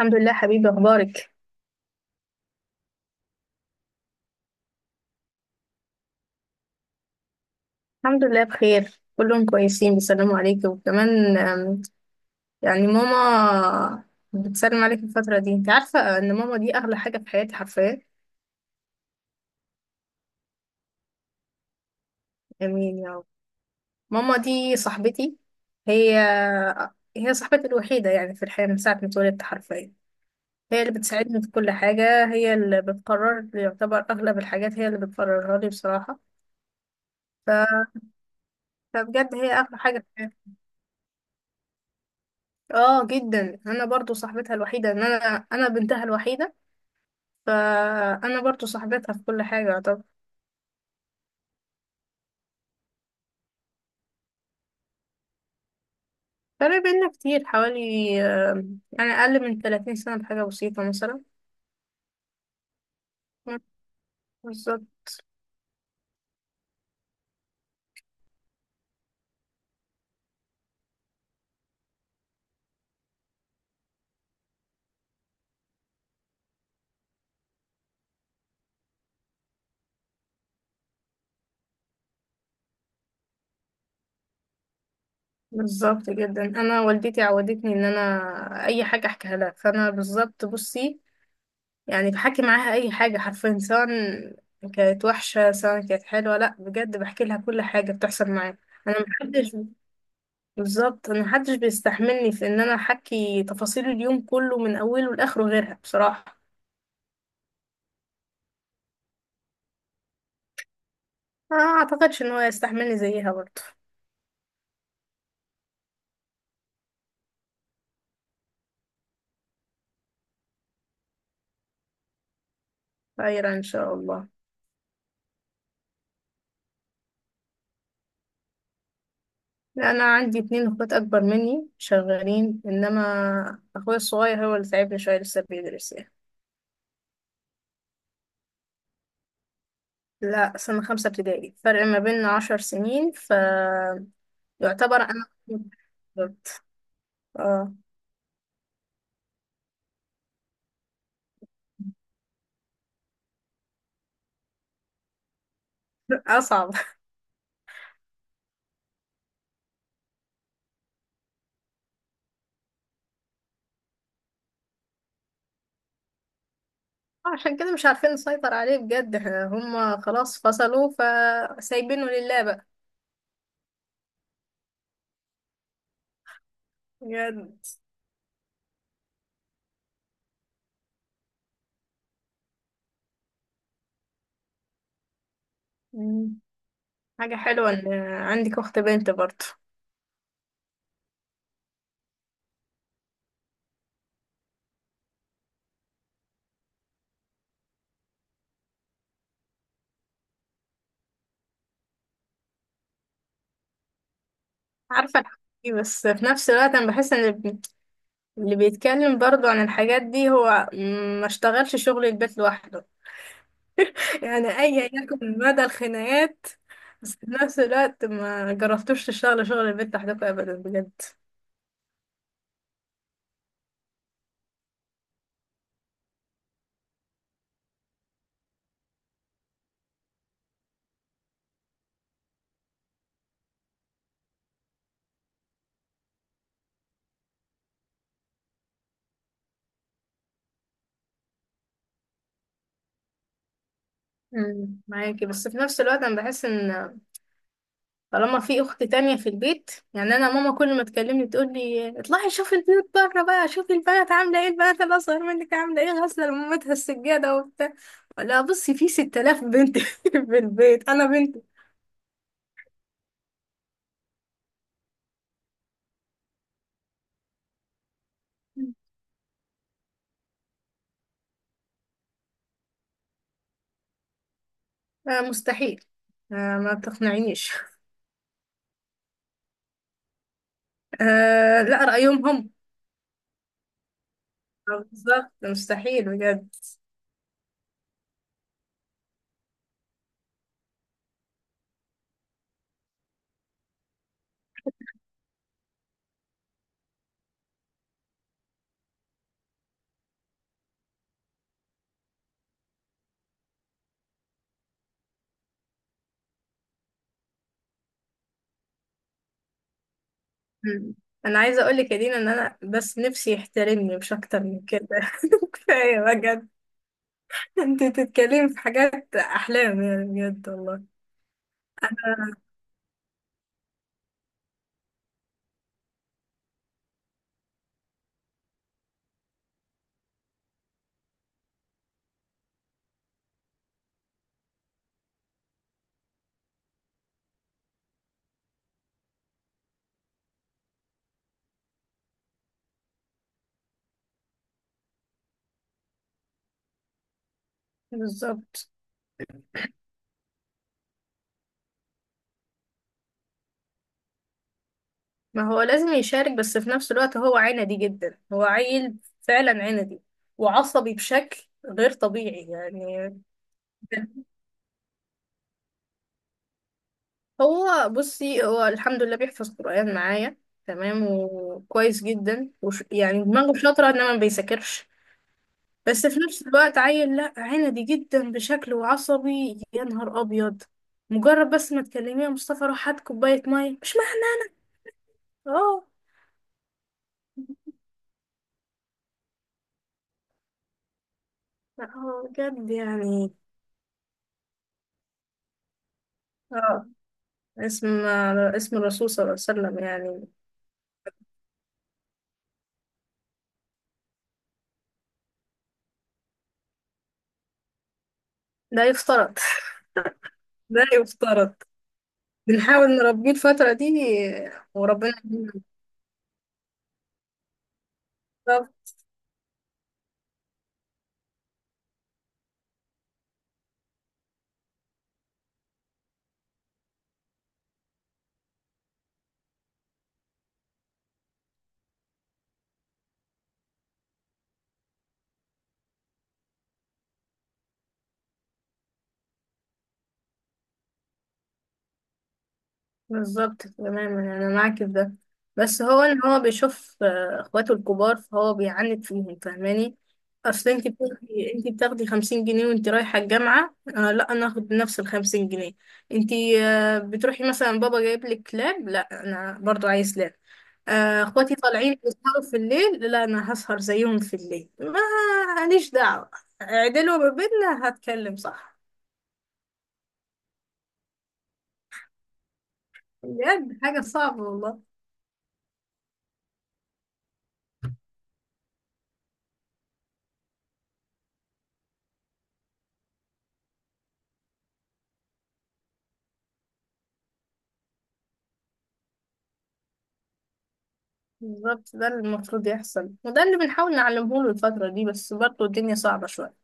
الحمد لله حبيبي. أخبارك الحمد لله بخير، كلهم كويسين بيسلموا عليك. وكمان يعني ماما بتسلم عليك الفترة دي. انت عارفة ان ماما دي أغلى حاجة في حياتي حرفيا. امين يا رب. ماما دي صاحبتي. هي هي صاحبتي الوحيدة يعني في الحياة من ساعة ما اتولدت حرفيا. هي اللي بتساعدني في كل حاجة، هي اللي بتقرر، يعتبر أغلب الحاجات هي اللي بتقررها لي بصراحة. ف... فبجد هي أغلى حاجة في حياتي. اه جدا، انا برضو صاحبتها الوحيدة، ان انا بنتها الوحيدة، فأنا برضو صاحبتها في كل حاجة. طب، فرق بينا كتير، حوالي آه، يعني أقل من 30 سنة بحاجة بسيطة مثلا. مم، بالظبط بالظبط جدا، أنا والدتي عودتني إن أنا أي حاجة أحكيها لها، فأنا بالظبط. بصي يعني بحكي معاها أي حاجة حرفيا، سواء كانت وحشة سواء كانت حلوة، لأ بجد بحكي لها كل حاجة بتحصل معايا. أنا محدش بالظبط أنا محدش بيستحملني في إن أنا أحكي تفاصيل اليوم كله من أوله لآخره غيرها بصراحة. ما اعتقدش ان هو يستحملني زيها برضه. خير ان شاء الله. انا عندي اتنين اخوات اكبر مني شغالين، انما اخويا الصغير هو اللي تعبني شويه، لسه بيدرس يعني. لا سنه خمسه ابتدائي، فرق ما بيننا 10 سنين، فيعتبر انا بالظبط. اه. اصعب. عشان كده مش عارفين نسيطر عليه بجد، احنا هم خلاص فصلوا، فسايبينه لله بقى. بجد. مم. حاجه حلوه ان عندك اخت بنت برضه. عارفة الحاجات دي، بس في نفس الوقت أنا بحس إن اللي بيتكلم برضه عن الحاجات دي هو ما اشتغلش شغل البيت لوحده. يعني أيا يكن مدى الخناقات، بس في نفس الوقت ما جربتوش تشتغلوا شغل البيت لوحدكم أبدا بجد. معاكي، بس في نفس الوقت أنا بحس إن طالما في اخت تانية في البيت يعني. انا ماما كل ما تكلمني تقول لي اطلعي شوفي البيوت بره بقى، شوفي البنات عامله ايه، البنات الاصغر منك عامله ايه، غاسله لمامتها السجاده وبتاع. لا بصي، في 6000 بنت في البيت، انا بنت. آه مستحيل. آه ما تقنعينيش. آه لا، رأيهم هم. بالظبط مستحيل بجد. مم. انا عايزه اقول لك يا دينا ان انا بس نفسي يحترمني، مش اكتر من كده. كفايه بجد، انت تتكلمي في حاجات احلام يعني بجد والله. بالظبط، ما هو لازم يشارك، بس في نفس الوقت هو عندي جدا، هو عيل فعلا عندي وعصبي بشكل غير طبيعي يعني. هو بصي هو الحمد لله بيحفظ قرآن معايا، تمام وكويس جدا، وش يعني دماغه شاطرة، انما ما بيذاكرش. بس في نفس الوقت عيل لا عندي جدا بشكل، وعصبي يا نهار ابيض. مجرد بس ما تكلميه يا مصطفى روح هات كوباية مية، مش محتاج. اه. لا هو بجد يعني. اه، اسم اسم الرسول صلى الله عليه وسلم يعني. لا يفترض. لا يفترض، بنحاول نربيه الفترة دي. وربنا يهديه. بالظبط تماما، انا معاك في ده. بس هو ان هو بيشوف اخواته الكبار فهو بيعاند فيهم، فاهماني؟ اصل انت بتاخدي 50 جنيه وانت رايحه الجامعه، آه لا انا اخد نفس ال 50 جنيه انت. آه بتروحي مثلا بابا جايب لك كلاب، لا انا برضو عايز كلاب. اخواتي طالعين يسهروا في الليل، لا انا هسهر زيهم في الليل، ما ليش دعوة. عدلوا ما بيننا هتكلم صح. بجد حاجة صعبة والله. بالظبط ده اللي المفروض يحصل، وده اللي بنحاول نعلمه له الفترة دي، بس برضه الدنيا صعبة شوية.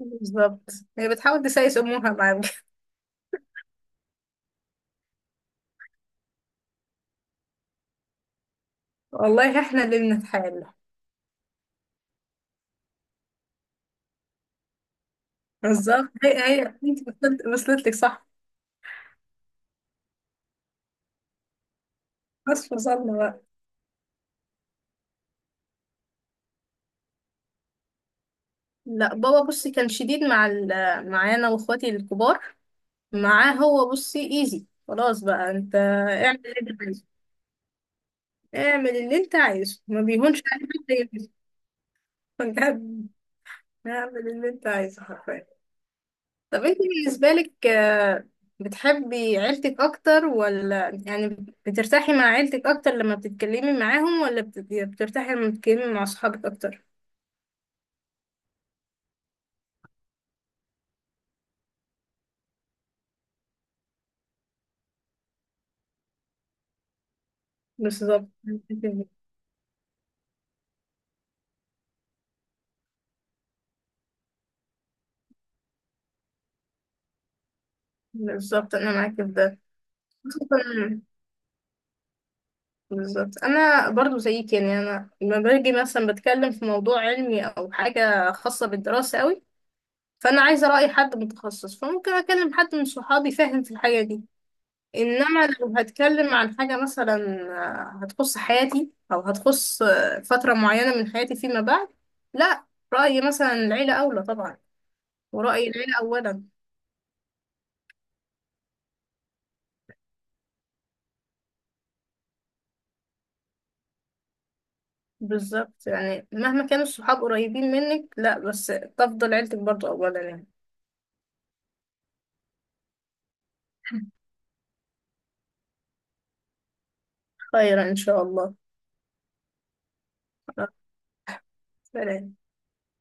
بالظبط. هي بتحاول تسايس أمورها معاك. والله احنا اللي بنتحايل. بالظبط. هي انت وصلت لك صح. بس وصلنا بقى. لا بابا بصي كان شديد مع معايا انا واخواتي الكبار. معاه هو بصي ايزي، خلاص بقى انت اعمل اللي انت عايزه. اعمل اللي انت عايزه ما بيهونش عليك حتى يمشي. بجد. اعمل اللي انت عايزه حرفيا. طب انت بالنسبة لك بتحبي عيلتك اكتر، ولا يعني بترتاحي مع عيلتك اكتر لما بتتكلمي معاهم، ولا بترتاحي لما بتتكلمي مع صحابك اكتر؟ بالظبط. بالظبط انا معاكي في ده. خصوصاً- بالظبط انا برضو زيك يعني. انا لما باجي مثلا بتكلم في موضوع علمي او حاجة خاصة بالدراسة قوي، فانا عايزة رأي حد متخصص، فممكن اكلم حد من صحابي فاهم في الحاجة دي. انما لو هتكلم عن حاجة مثلا هتخص حياتي، او هتخص فترة معينة من حياتي فيما بعد، لا، رأيي مثلا العيلة اولى طبعا. ورأي العيلة اولا. بالظبط، يعني مهما كانوا الصحاب قريبين منك، لا بس تفضل عيلتك برضو اولا يعني. خيرا ان شاء الله. آه، سلام.